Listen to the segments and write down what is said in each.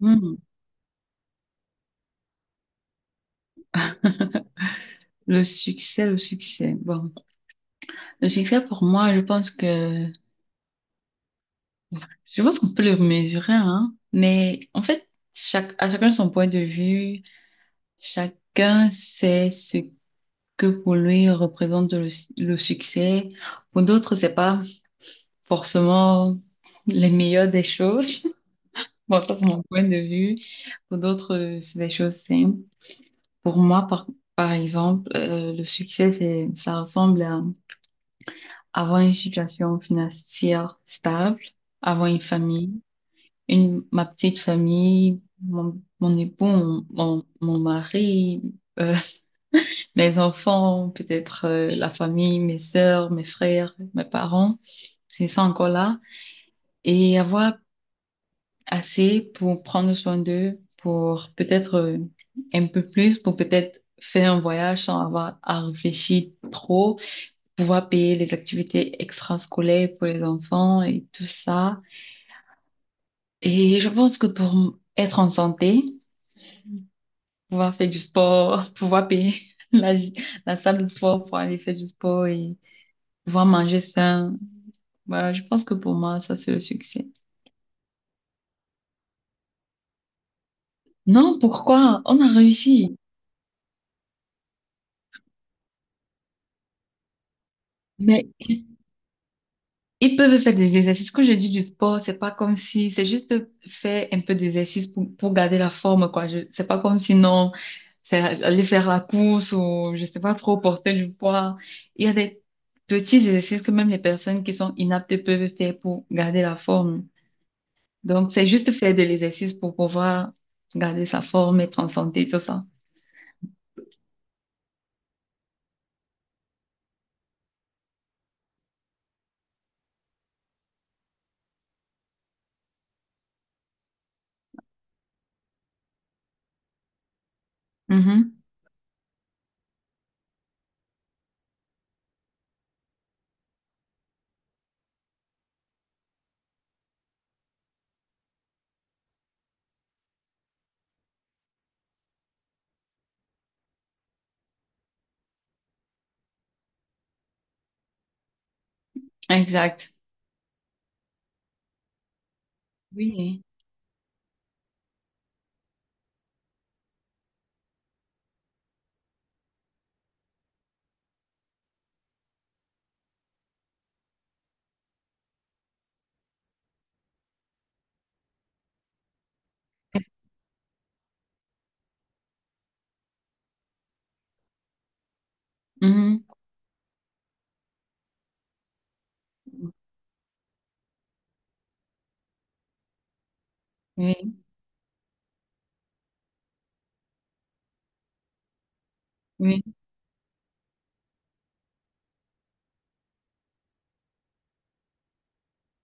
Hmm. Le succès, le succès. Bon, le succès pour moi, je pense que je pense qu'on peut le mesurer, hein. Mais en fait, chaque à chacun son point de vue, chacun sait ce que pour lui représente le succès. Pour d'autres, c'est pas forcément les meilleures des choses. Bon, ça, c'est mon point de vue. Pour d'autres, c'est des choses simples. Pour moi, par exemple, le succès, ça ressemble à avoir une situation financière stable, avoir une famille, une, ma petite famille, mon époux, mon mari, euh, mes enfants, peut-être la famille, mes sœurs, mes frères, mes parents, s'ils sont encore là, et avoir assez pour prendre soin d'eux, pour peut-être un peu plus, pour peut-être faire un voyage sans avoir à réfléchir trop, pouvoir payer les activités extrascolaires pour les enfants et tout ça. Et je pense que pour être en santé, pouvoir faire du sport, pouvoir payer la, la salle de sport pour aller faire du sport et pouvoir manger sain, voilà, je pense que pour moi, ça c'est le succès. Non, pourquoi? On a réussi. Mais ils peuvent faire des exercices. Quand je dis du sport, c'est pas comme si, c'est juste faire un peu d'exercice pour garder la forme, quoi. Je, c'est pas comme si non, c'est aller faire la course ou, je sais pas trop, porter du poids. Il y a des petits exercices que même les personnes qui sont inaptes peuvent faire pour garder la forme. Donc, c'est juste faire de l'exercice pour pouvoir garder sa forme, être en santé, tout ça. Mhm. Exact. Oui. Mhm. Oui, oui,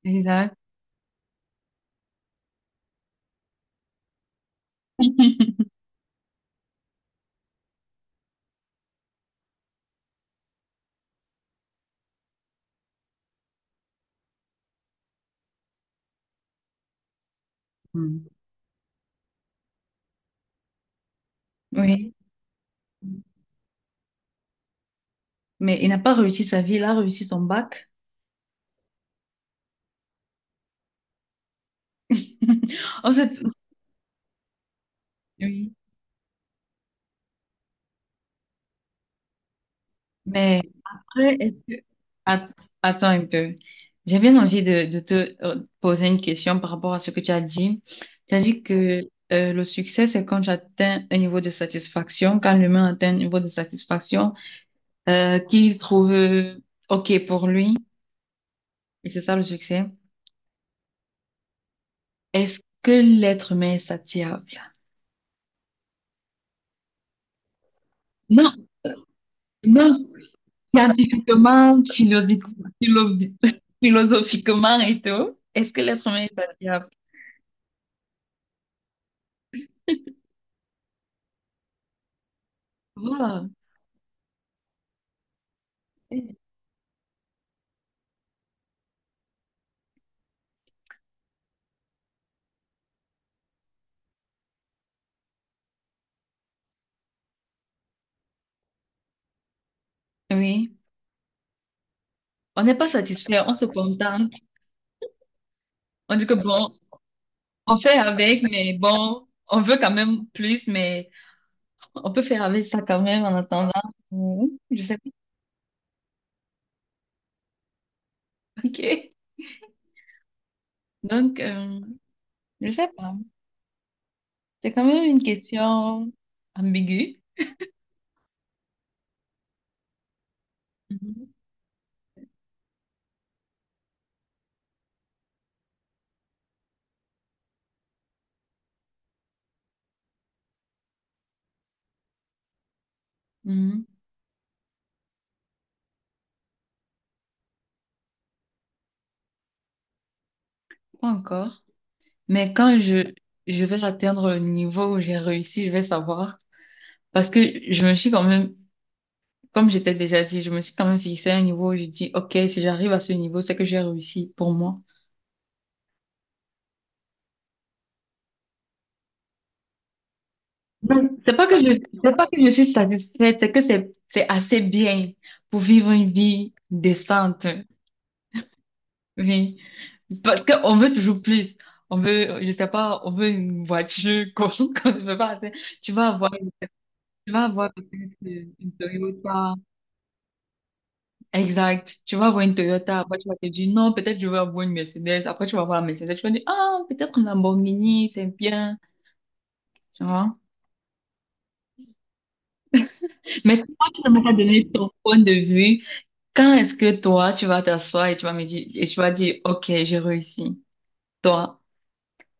exact. Mhm. Oui, mais il n'a pas réussi sa vie, il a réussi son bac. En fait, oui. Mais après, est-ce que... Att- Attends un peu. J'ai bien envie de te poser une question par rapport à ce que tu as dit. Tu as dit que le succès, c'est quand j'atteins un niveau de satisfaction, quand l'humain atteint un niveau de satisfaction qu'il trouve OK pour lui, et c'est ça le succès. Est-ce que l'être humain est satiable? Non, non, Scientifiquement, philosophi- philo- philosophiquement et tout, est-ce que l'être humain est satisfait? Voilà. Oui, on n'est pas satisfait, on se contente. On dit que bon, on fait avec, mais bon, on veut quand même plus, mais on peut faire avec ça quand même en attendant. Je sais pas. Ok. Donc, je sais pas. C'est quand même une question ambiguë. Mhm. Mhm. Pas encore. Mais je vais atteindre le niveau où j'ai réussi, je vais savoir. Parce que je me suis quand même, comme j'étais déjà dit, je me suis quand même fixé un niveau où je dis, OK, si j'arrive à ce niveau, c'est que j'ai réussi pour moi. Donc, c'est pas que je suis satisfaite, c'est assez bien pour vivre une vie décente. Oui. Parce qu'on veut toujours plus. On veut, je sais pas, on veut une voiture qu'on qu'on ne veut pas. Assez. Tu vas avoir, tu vas avoir peut-être une Toyota. Exact. Tu vas avoir une Toyota, après tu vas te dire non, peut-être je vais avoir une Mercedes, après tu vas avoir la Mercedes, tu vas dire ah, peut-être une Lamborghini, c'est bien, tu vois. Mais toi, tu ne m'as pas donné ton point de vue. Quand est-ce que toi, tu vas t'asseoir et tu vas me dire, ok, j'ai réussi. Toi,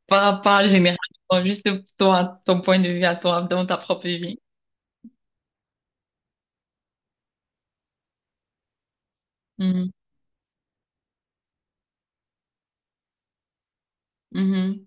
pas généralement, juste toi, ton point de vue à toi, dans ta propre vie. Mhm, mhm,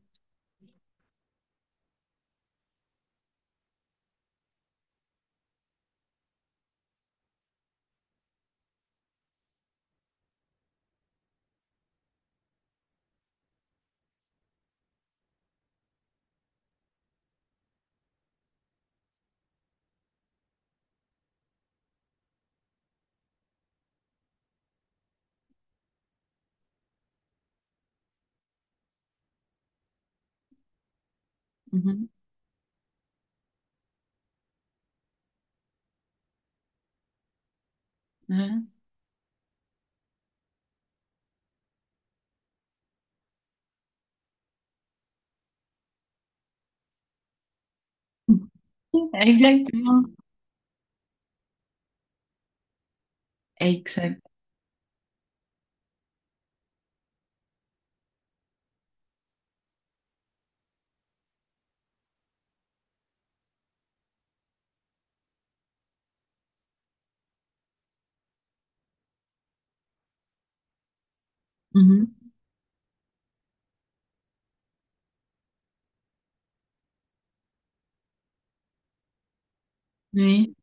mhm, mhm. Exactement. Exact. Mhm. Oui.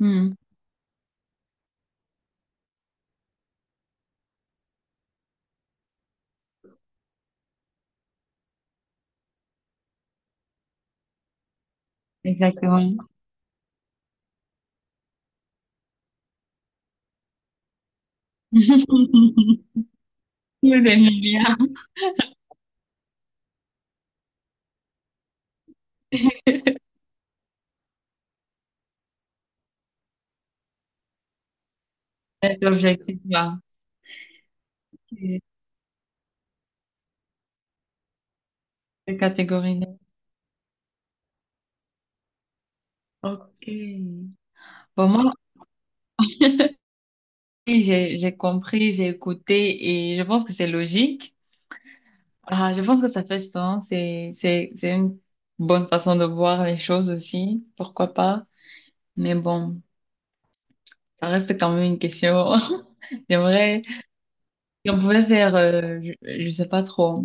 Mhm. Exactement. Vous aimez bien cet objectif-là, c'est- cette catégorie-là. Ok. Bon, moi, oui, j'ai compris, j'ai écouté et je pense que c'est logique. Ah, je pense que ça fait sens et c'est une bonne façon de voir les choses aussi. Pourquoi pas? Mais bon, ça reste quand même une question. J'aimerais, si on pouvait faire, je sais pas trop,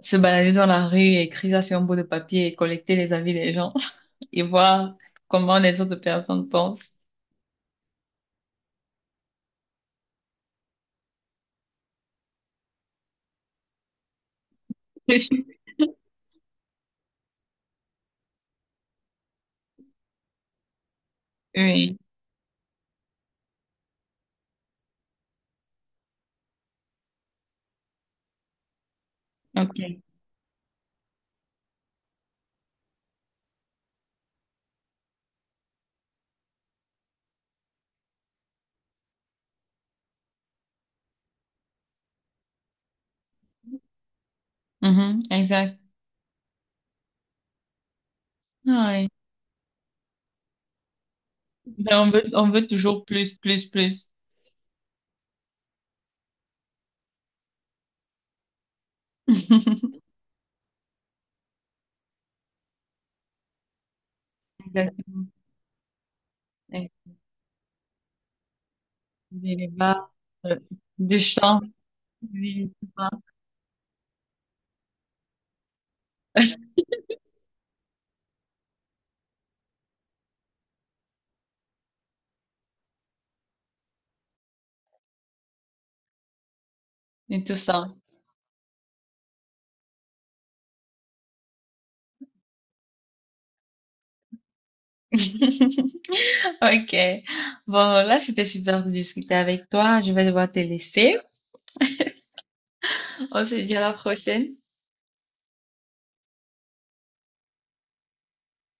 se balader dans la rue, et écrire ça sur un bout de papier et collecter les avis des gens et voir comment les autres personnes pensent. Oui, ok. Mhm, exact. Ah ouais. Ben, on veut toujours plus, plus, plus. Exactement. Et des débats, euh, du chant, oui, et tout ça. Ok. Bon, là, c'était super de discuter avec toi. Je vais devoir te laisser. On se dit à la prochaine.